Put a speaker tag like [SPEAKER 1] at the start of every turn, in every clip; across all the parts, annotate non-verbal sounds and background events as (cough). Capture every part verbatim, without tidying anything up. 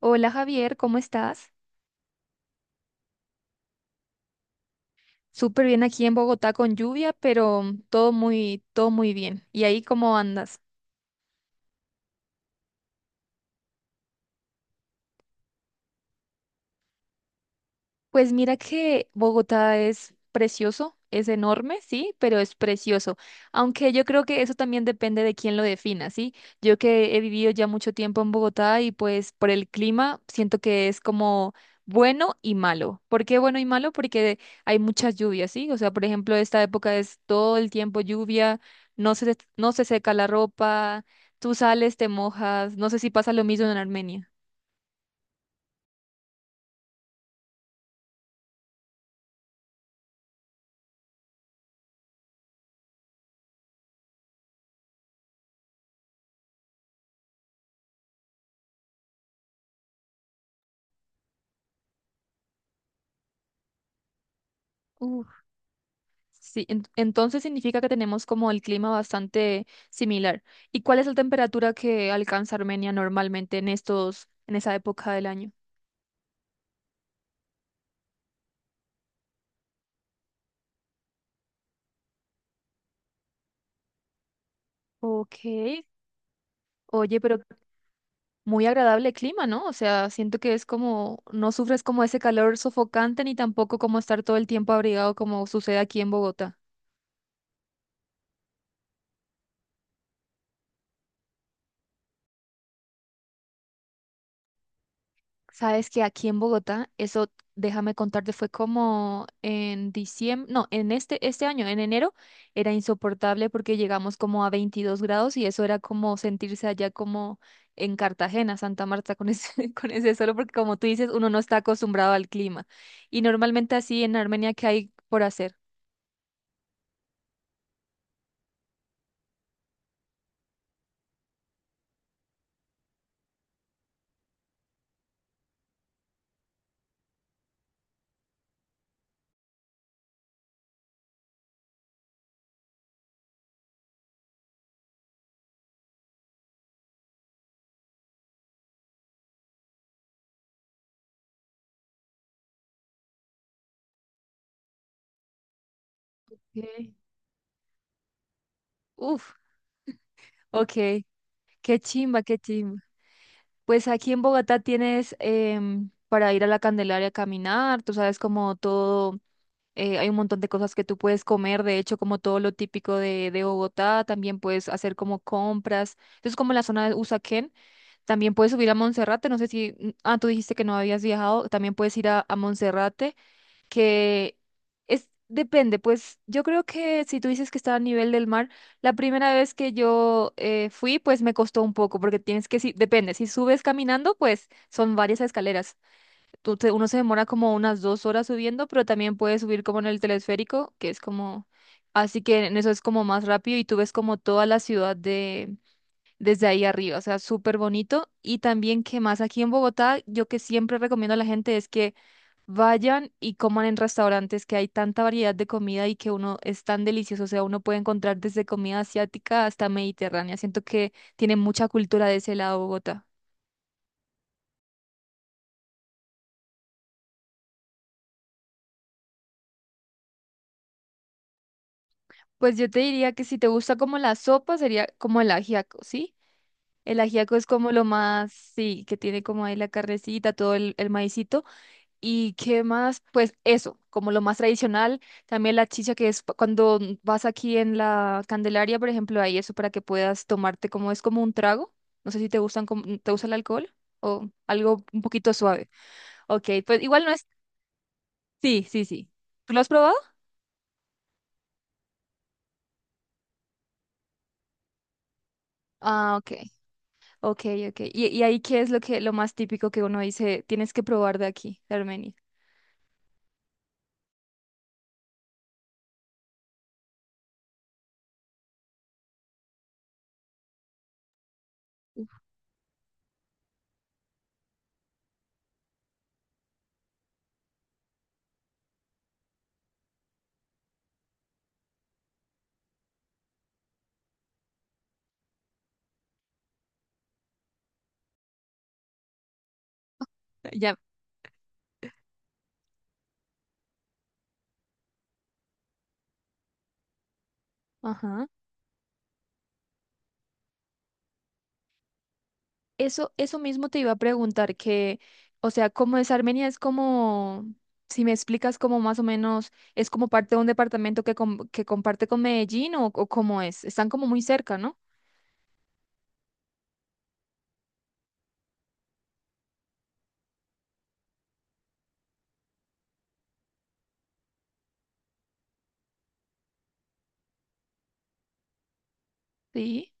[SPEAKER 1] Hola Javier, ¿cómo estás? Súper bien aquí en Bogotá con lluvia, pero todo muy, todo muy bien. ¿Y ahí cómo andas? Pues mira que Bogotá es precioso, es enorme, sí, pero es precioso. Aunque yo creo que eso también depende de quién lo defina, ¿sí? Yo que he vivido ya mucho tiempo en Bogotá y pues por el clima siento que es como bueno y malo. ¿Por qué bueno y malo? Porque hay muchas lluvias, ¿sí? O sea, por ejemplo, esta época es todo el tiempo lluvia, no se, no se seca la ropa, tú sales, te mojas, no sé si pasa lo mismo en Armenia. Sí, en- entonces significa que tenemos como el clima bastante similar. ¿Y cuál es la temperatura que alcanza Armenia normalmente en estos, en esa época del año? Ok. Oye, pero muy agradable clima, ¿no? O sea, siento que es como, no sufres como ese calor sofocante ni tampoco como estar todo el tiempo abrigado como sucede aquí en Bogotá. Sabes que aquí en Bogotá, eso, déjame contarte, fue como en diciembre, no, en este, este año, en enero, era insoportable porque llegamos como a veintidós grados y eso era como sentirse allá como en Cartagena, Santa Marta, con ese, (laughs) con ese solo porque como tú dices, uno no está acostumbrado al clima. Y normalmente así en Armenia, ¿qué hay por hacer? Ok. Uf, ok, qué chimba, qué chimba. Pues aquí en Bogotá tienes em, para ir a la Candelaria a caminar, tú sabes como todo eh, hay un montón de cosas que tú puedes comer, de hecho, como todo lo típico de, de Bogotá, también puedes hacer como compras. Entonces, como en la zona de Usaquén, también puedes subir a Monserrate, no sé si, mm, ah, tú dijiste que no habías viajado, también puedes ir a, a Monserrate, que es, depende, pues yo creo que si tú dices que está a nivel del mar, la primera vez que yo eh, fui, pues me costó un poco, porque tienes que, si, depende, si subes caminando, pues son varias escaleras tú te- uno se demora como unas dos horas subiendo, pero también puedes subir como en el telesférico, que es como, así que en eso es como más rápido y tú ves como toda la ciudad de desde ahí arriba, o sea, súper bonito. Y también que más aquí en Bogotá, yo que siempre recomiendo a la gente es que vayan y coman en restaurantes, que hay tanta variedad de comida y que uno es tan delicioso, o sea, uno puede encontrar desde comida asiática hasta mediterránea. Siento que tiene mucha cultura de ese lado Bogotá. Pues yo te diría que si te gusta como la sopa, sería como el ajiaco, ¿sí? El ajiaco es como lo más, sí, que tiene como ahí la carnecita, todo el, el maicito. ¿Y qué más? Pues eso, como lo más tradicional. También la chicha, que es pa- cuando vas aquí en la Candelaria, por ejemplo, hay eso para que puedas tomarte como es como un trago. No sé si te gustan, como- mm, te gusta el alcohol o algo un poquito suave. Ok, pues igual no es. Sí, sí, sí. ¿Tú lo has probado? Ah, ok. Ok, ok. ¿Y, y ahí qué es lo que lo más típico que uno dice, tienes que probar de aquí, de Armenia? Ya. Ajá. Eso, eso mismo te iba a preguntar que, o sea, ¿cómo es Armenia? Es como, si me explicas como más o menos, es como parte de un departamento que, com- que comparte con Medellín o, o cómo es. Están como muy cerca, ¿no? Sí.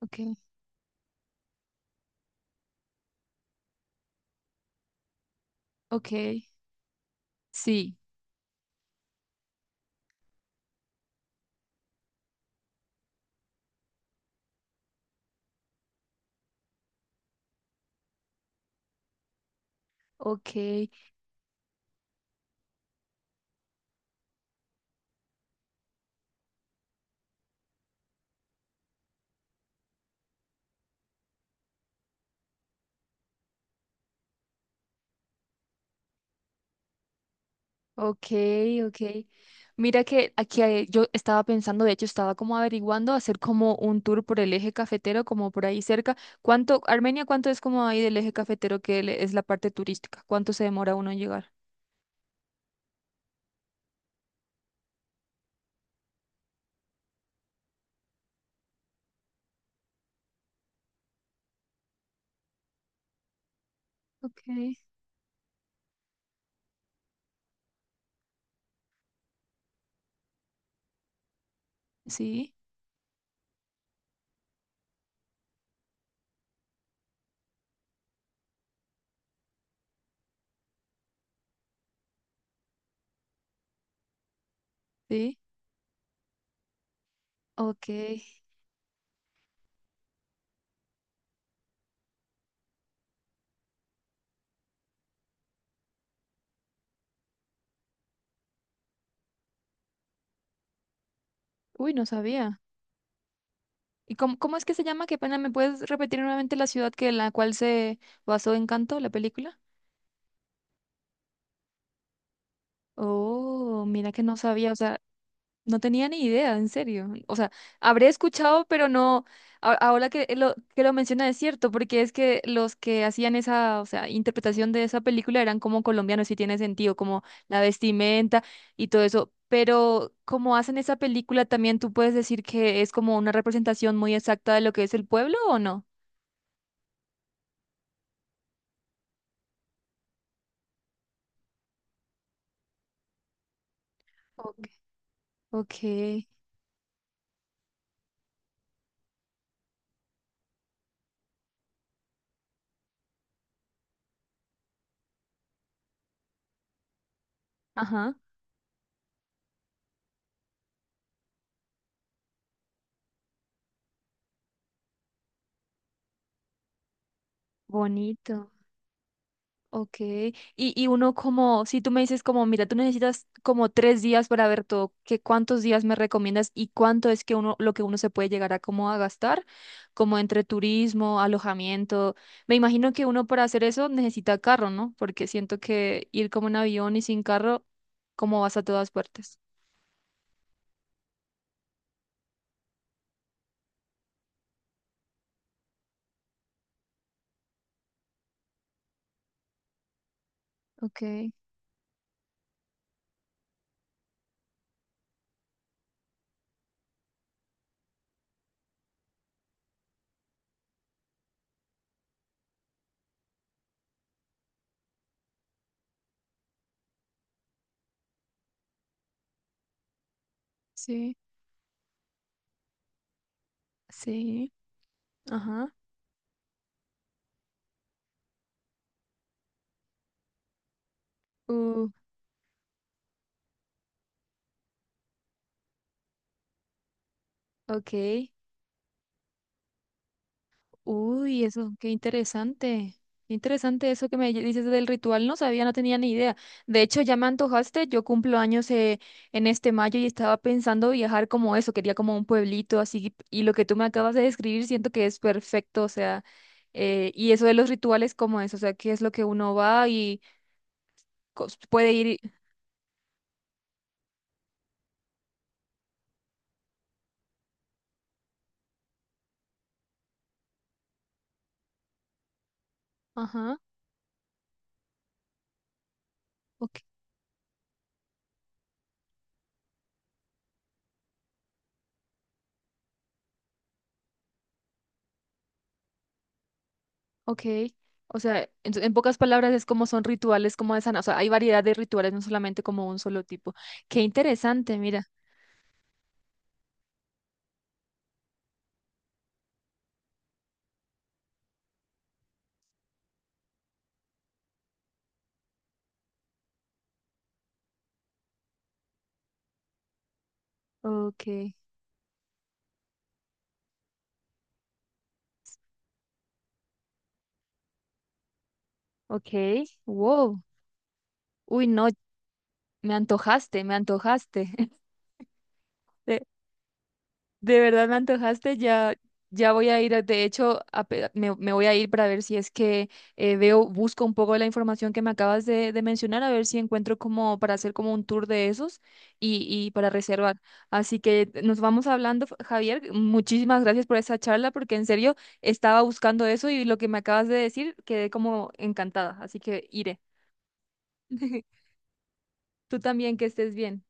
[SPEAKER 1] Ok. Ok. Sí. Ok. Ok, ok. Mira que aquí hay- yo estaba pensando, de hecho estaba como averiguando hacer como un tour por el eje cafetero, como por ahí cerca. ¿Cuánto, Armenia, cuánto es como ahí del eje cafetero que le- es la parte turística? ¿Cuánto se demora uno en llegar? Ok. Sí, sí. Ok. Uy, no sabía. ¿Y cómo, cómo es que se llama? Qué pena, ¿me puedes repetir nuevamente la ciudad que en la cual se basó Encanto, la película? Oh, mira que no sabía, o sea, no tenía ni idea, en serio. O sea, habré escuchado, pero no, a- ahora que lo, que lo, menciona es cierto, porque es que los que hacían esa, o sea, interpretación de esa película eran como colombianos, sí tiene sentido, como la vestimenta y todo eso. Pero como hacen esa película, también tú puedes decir que es como una representación muy exacta de lo que es el pueblo, ¿o no? Ok. Ok. Ajá. Bonito. Ok, y, y uno como, si tú me dices como, mira, tú necesitas como tres días para ver todo, ¿qué cuántos días me recomiendas y cuánto es que uno, lo que uno se puede llegar a como a gastar, como entre turismo, alojamiento? Me imagino que uno para hacer eso necesita carro, ¿no? Porque siento que ir como en avión y sin carro, cómo vas a todas partes. Ok, sí, sí, ajá, uh, ok. Uy, eso, qué interesante. Qué interesante eso que me dices del ritual. No sabía, no tenía ni idea. De hecho, ya me antojaste. Yo cumplo años eh, en este mayo y estaba pensando viajar como eso. Quería como un pueblito así. Y lo que tú me acabas de describir siento que es perfecto. O sea, eh, y eso de los rituales, como es? O sea, ¿qué es lo que uno va y cos- puede ir? y- Ajá, ok, ok. O sea, en, en pocas palabras es como son rituales como de sana. O sea, hay variedad de rituales, no solamente como un solo tipo. Qué interesante, mira. Okay, okay, wow. Uy, no, me antojaste, me antojaste. (laughs) De, de verdad me antojaste, ya, ya voy a ir. a- De hecho, ape- me, me voy a ir para ver si es que eh, veo, busco un poco de la información que me acabas de, de mencionar, a ver si encuentro como para hacer como un tour de esos y, y para reservar. Así que nos vamos hablando, F- Javier. Muchísimas gracias por esa charla, porque en serio estaba buscando eso y lo que me acabas de decir quedé como encantada. Así que iré. (laughs) Tú también, que estés bien.